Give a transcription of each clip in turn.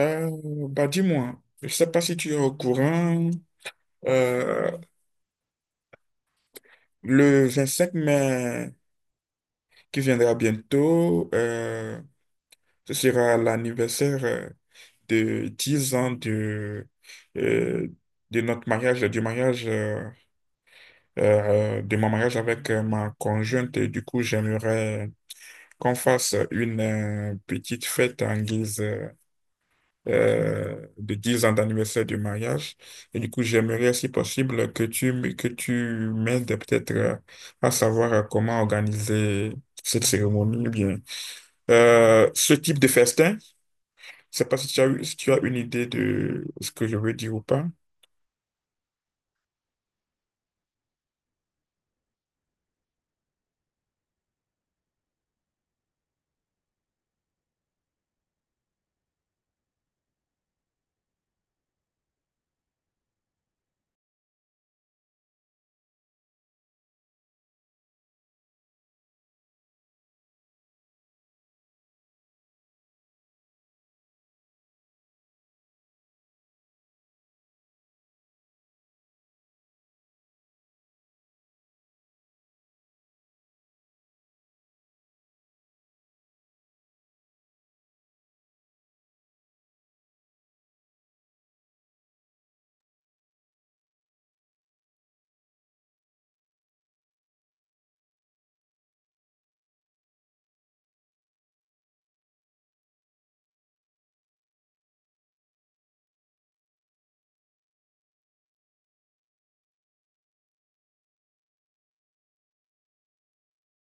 Euh, Bah dis-moi, je sais pas si tu es au courant, euh, le 5 mai qui viendra bientôt. Ce sera l'anniversaire de 10 ans euh, de notre mariage, de mon mariage avec ma conjointe. Et du coup, j'aimerais qu'on fasse une petite fête en guise de 10 ans d'anniversaire du mariage. Et du coup, j'aimerais, si possible, que que tu m'aides peut-être à savoir comment organiser cette cérémonie ou bien ce type de festin. Je sais pas si si tu as une idée de ce que je veux dire ou pas.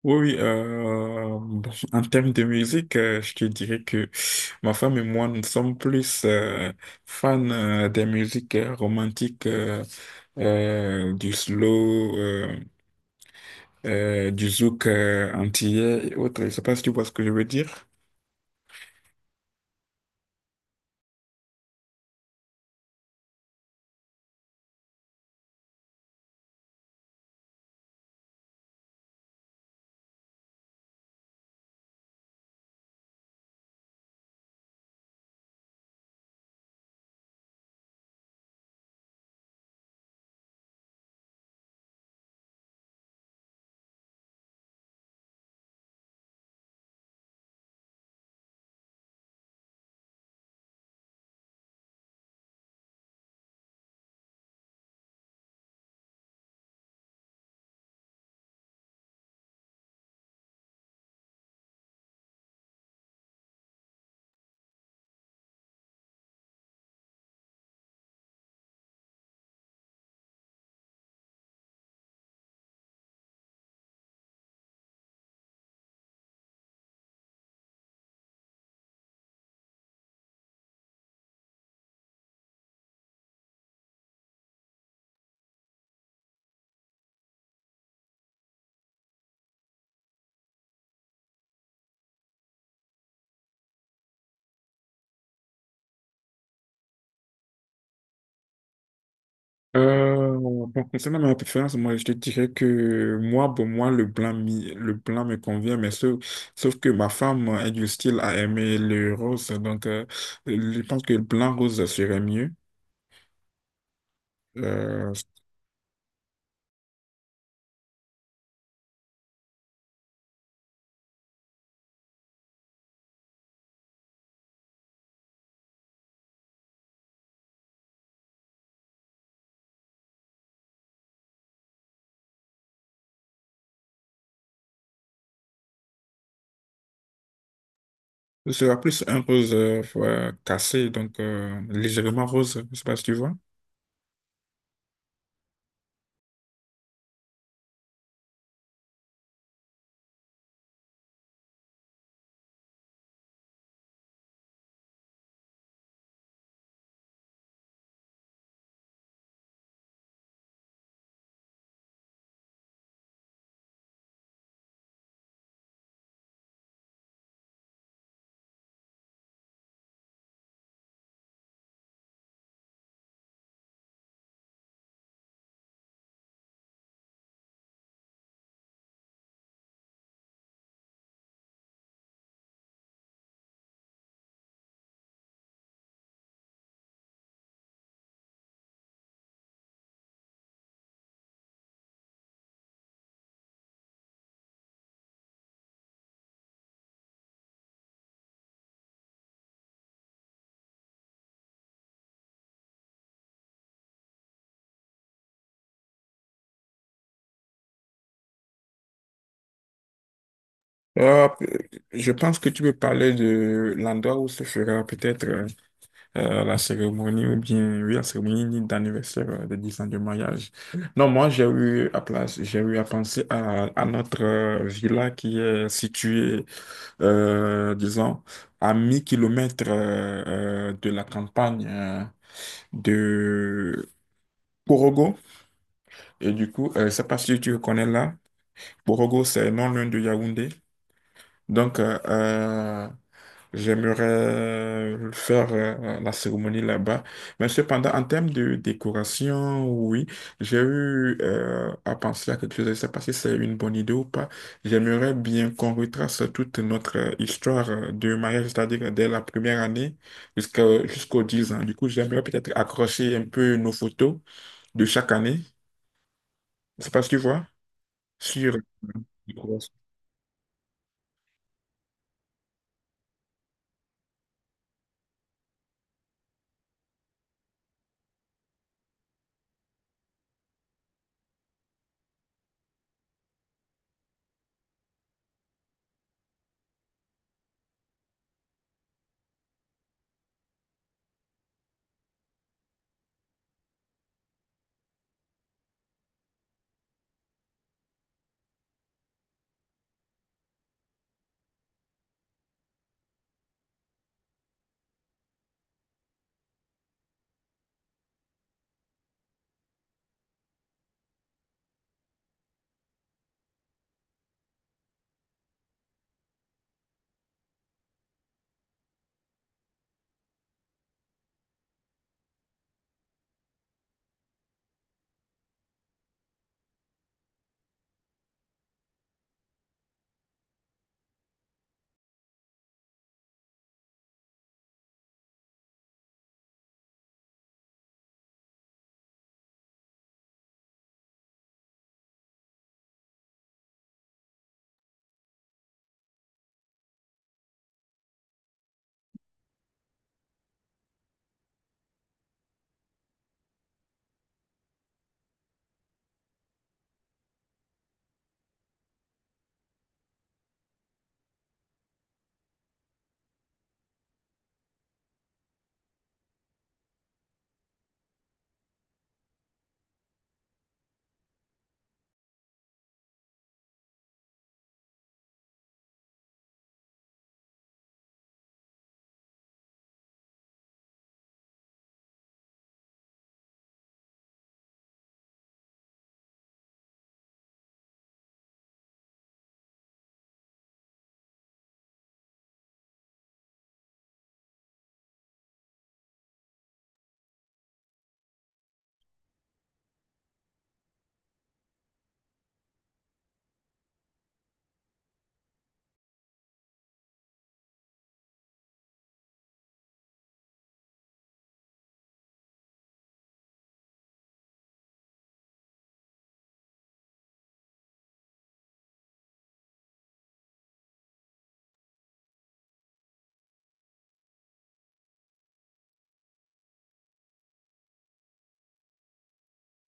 Oui, oui, bon, en termes de musique, je te dirais que ma femme et moi, nous sommes plus fans des musiques romantiques, du slow, du zouk antillais et autres. Je ne sais pas si tu vois ce que je veux dire. Bon, concernant ma préférence, moi, je te dirais que moi, pour moi, le blanc, le blanc me convient, mais sauf que ma femme est du style à aimer le rose, donc je pense que le blanc rose serait mieux. Euh, Ce sera plus un rose cassé, donc légèrement rose, je sais pas si tu vois. Euh, je pense que tu peux parler de l'endroit où se fera peut-être la cérémonie, ou bien oui, la cérémonie d'anniversaire de 10 ans de mariage. Non, moi j'ai eu à place, j'ai eu à penser à notre villa qui est située, disons, à 1000 kilomètres de la campagne de Corogo. Et du coup, je sais pas si tu le connais là. Borogo, c'est non loin de Yaoundé. Donc, j'aimerais faire la cérémonie là-bas. Mais cependant, en termes de décoration, oui, j'ai eu à penser à quelque chose. Je ne sais pas si c'est une bonne idée ou pas. J'aimerais bien qu'on retrace toute notre histoire de mariage, c'est-à-dire dès la première année jusqu'à, jusqu'aux 10 ans. Du coup, j'aimerais peut-être accrocher un peu nos photos de chaque année. Je ne sais pas si tu vois. Sur les croissants.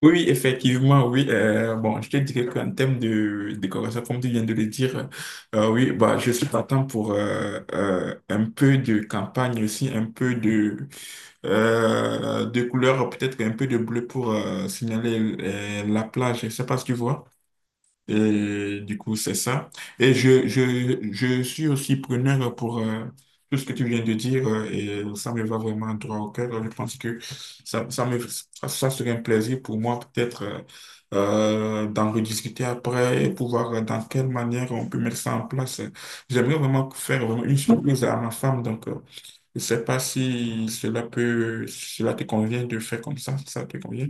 Oui, oui, effectivement, oui. Bon, je te dirais qu'en termes de décoration, comme tu viens de le dire, oui, bah, je suis partant pour un peu de campagne aussi, un peu de couleur, peut-être un peu de bleu pour signaler la plage. Je sais pas si tu vois. Et du coup, c'est ça. Et je suis aussi preneur pour tout ce que tu viens de dire et ça me va vraiment droit au cœur. Je pense que ça, ça me, ça serait un plaisir pour moi peut-être d'en rediscuter après et pouvoir dans quelle manière on peut mettre ça en place. J'aimerais vraiment faire vraiment une surprise à ma femme. Donc, je sais pas si cela peut, si cela te convient de faire comme ça, si ça te convient.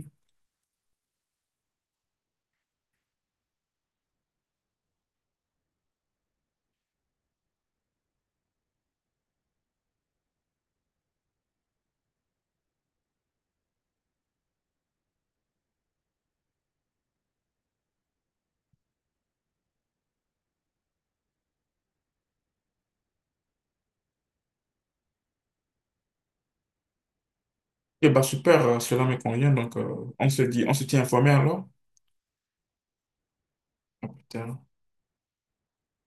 Eh ben super, cela me convient. Donc, on se dit, on se tient informé alors. Putain.